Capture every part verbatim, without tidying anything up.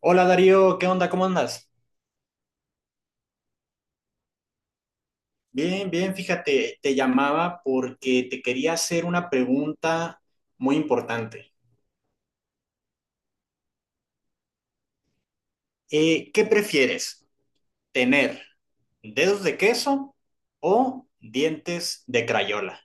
Hola Darío, ¿qué onda? ¿Cómo andas? Bien, bien, fíjate, te llamaba porque te quería hacer una pregunta muy importante. Eh, ¿qué prefieres? ¿Tener dedos de queso o dientes de crayola?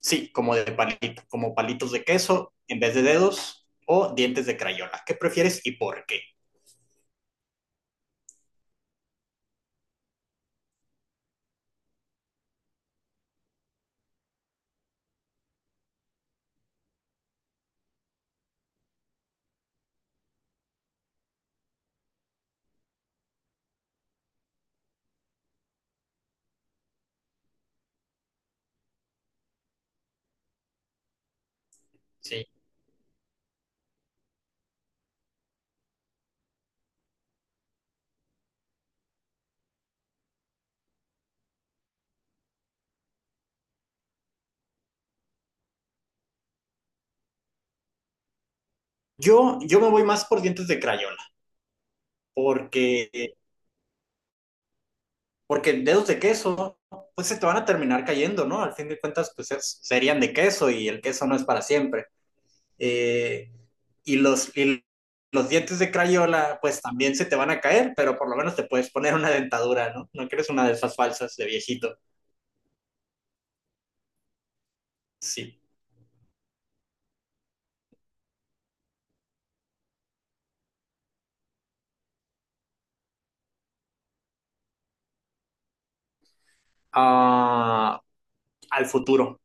Sí, como de palito, como palitos de queso en vez de dedos o dientes de crayola. ¿Qué prefieres y por qué? Sí. Yo, yo me voy más por dientes de crayola porque Porque dedos de queso, pues se te van a terminar cayendo, ¿no? Al fin de cuentas, pues es- serían de queso y el queso no es para siempre. Eh, y los, y los dientes de Crayola, pues también se te van a caer, pero por lo menos te puedes poner una dentadura, ¿no? No quieres una de esas falsas de viejito. Sí. Ah, al futuro.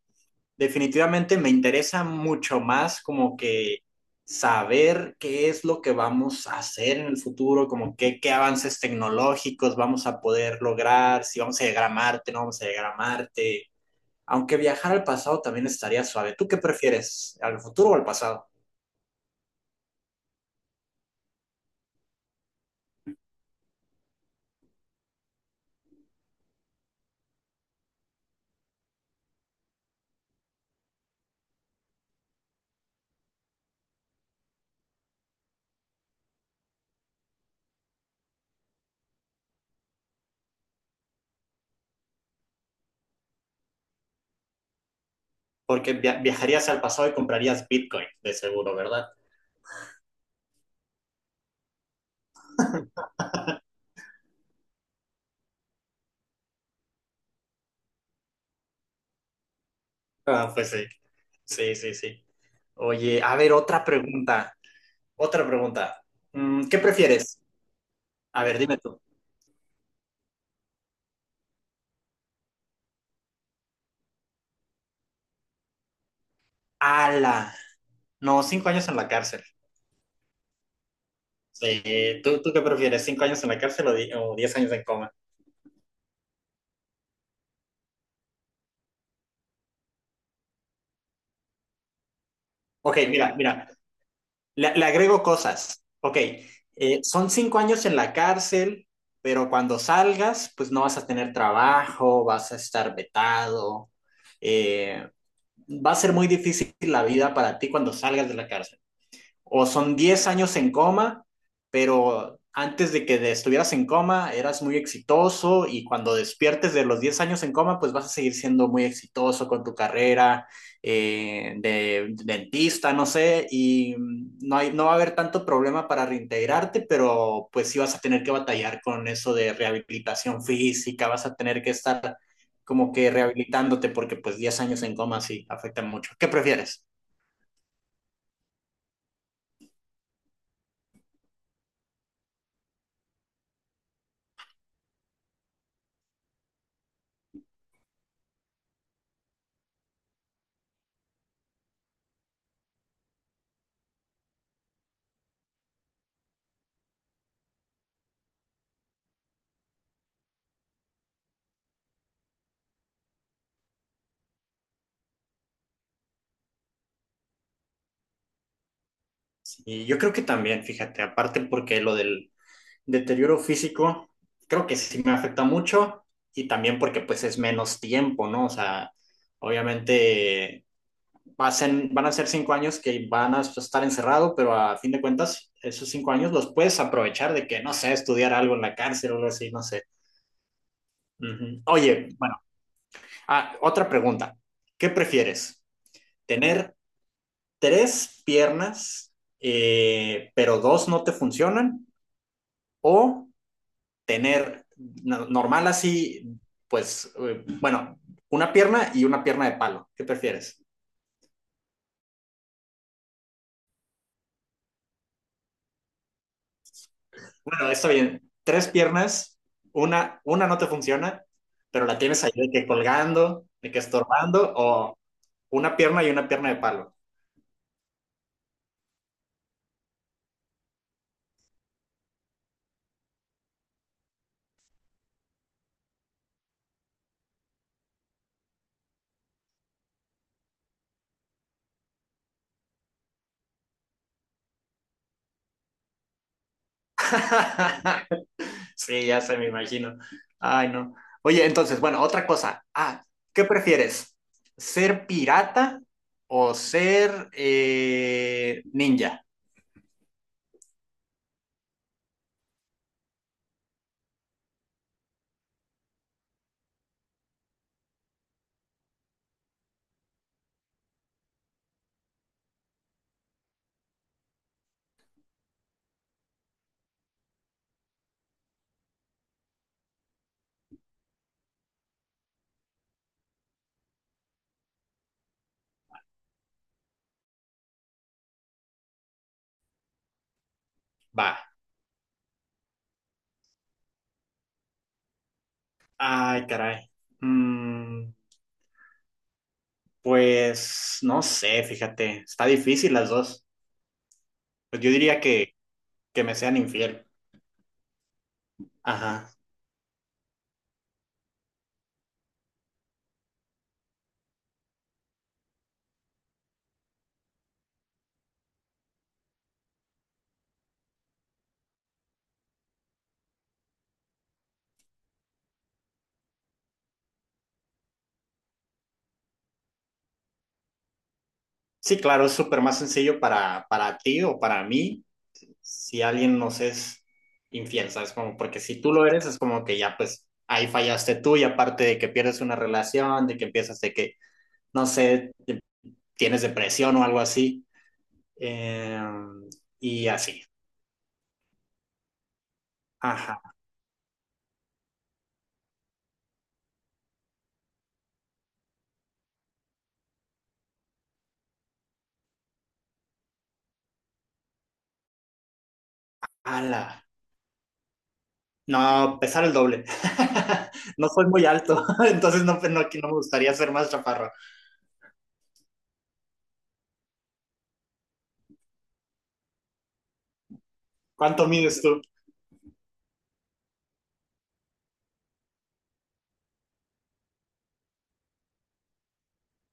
Definitivamente me interesa mucho más como que saber qué es lo que vamos a hacer en el futuro, como que, qué avances tecnológicos vamos a poder lograr, si vamos a llegar a Marte, no vamos a llegar a Marte. Aunque viajar al pasado también estaría suave. ¿Tú qué prefieres, al futuro o al pasado? Porque via- viajarías al pasado y comprarías Bitcoin, de seguro, ¿verdad? Ah, pues sí, sí, sí, sí. Oye, a ver, otra pregunta, otra pregunta. Mm, ¿Qué prefieres? A ver, dime tú. ¡Hala! No, cinco años en la cárcel. Sí, ¿tú, tú qué prefieres? ¿Cinco años en la cárcel o, di- o diez años en coma? Ok, mira, mira, le, le agrego cosas. Ok, eh, son cinco años en la cárcel, pero cuando salgas, pues no vas a tener trabajo, vas a estar vetado. eh, va a ser muy difícil la vida para ti cuando salgas de la cárcel. O son diez años en coma, pero antes de que estuvieras en coma eras muy exitoso y cuando despiertes de los diez años en coma, pues vas a seguir siendo muy exitoso con tu carrera, eh, de de dentista, no sé, y mm, no hay, no va a haber tanto problema para reintegrarte, pero pues sí vas a tener que batallar con eso de rehabilitación física, vas a tener que estar como que rehabilitándote porque pues diez años en coma sí afectan mucho. ¿Qué prefieres? Y yo creo que también, fíjate, aparte porque lo del deterioro físico, creo que sí me afecta mucho y también porque pues es menos tiempo, ¿no? O sea, obviamente va a ser- van a ser cinco años que van a estar encerrado, pero a fin de cuentas, esos cinco años los puedes aprovechar de que, no sé, estudiar algo en la cárcel o algo así, no sé. Ujú. Oye, bueno, ah, otra pregunta. ¿Qué prefieres? ¿Tener tres piernas, eh, pero dos no te funcionan? ¿O tener no- normal así, pues, eh, bueno, una pierna y una pierna de palo? ¿Qué prefieres? Bueno, está bien. Tres piernas, una, una no te funciona, pero la tienes ahí de que colgando, de que estorbando, o una pierna y una pierna de palo. Sí, ya se me imagino. Ay, no. Oye, entonces, bueno, otra cosa. Ah, ¿qué prefieres? ¿Ser pirata o ser eh, ninja? Va. Ay, caray. Mm, pues no sé, fíjate, está difícil las dos. Pues yo diría que, que me sean infiel. Ajá. Sí, claro, es súper más sencillo para, para ti o para mí si alguien nos es infiel, ¿sabes? Como porque si tú lo eres, es como que ya pues ahí fallaste tú y aparte de que pierdes una relación, de que empiezas de que, no sé, tienes depresión o algo así. Eh, y así. Ajá. Ala. No, pesar el doble. No soy muy alto, entonces no, no, aquí no me gustaría ser más chaparro. ¿Cuánto mides tú?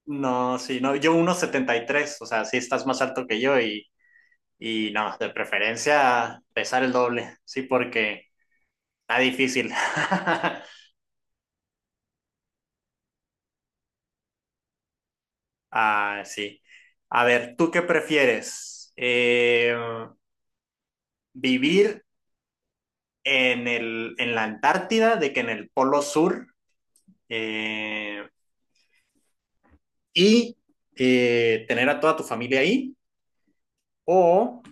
No, sí, no, yo uno setenta y tres. O sea, sí estás más alto que yo y, y no, de preferencia pesar el doble, sí, porque está difícil. Ah, sí. A ver, ¿tú qué prefieres? Eh, ¿vivir en el, en la Antártida de que en el Polo Sur? Eh, y eh, tener a toda tu familia ahí o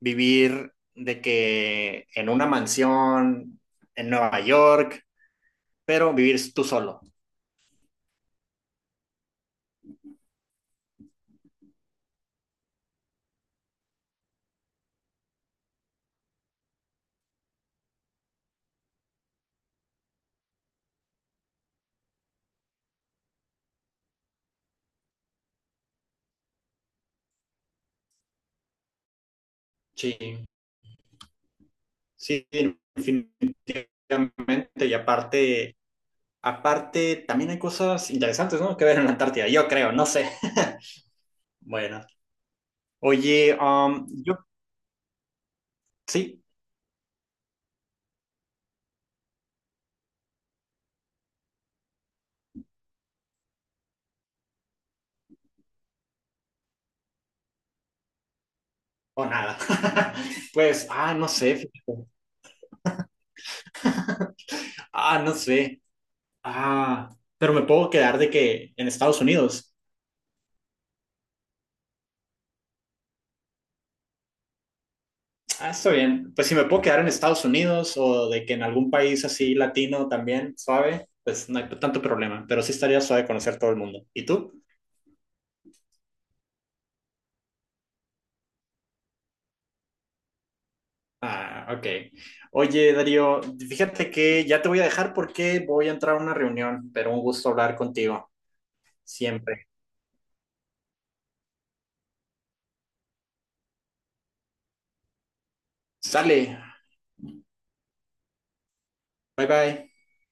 vivir de que en una mansión en Nueva York, pero vivir tú solo. Sí, sí, definitivamente. Y aparte, aparte, también hay cosas interesantes, ¿no? Que ver en la Antártida, yo creo, no sé. Bueno, oye, um, yo sí o nada. pues, ah, no sé, fíjate. ah, no sé. Ah, pero me puedo quedar de que en Estados Unidos. Ah, está bien. Pues si me puedo quedar en Estados Unidos o de que en algún país así latino también, suave, pues no hay tanto problema. Pero sí estaría suave conocer todo el mundo. ¿Y tú? Ah, ok. Oye, Darío, fíjate que ya te voy a dejar porque voy a entrar a una reunión, pero un gusto hablar contigo. Siempre. Sale. Bye bye.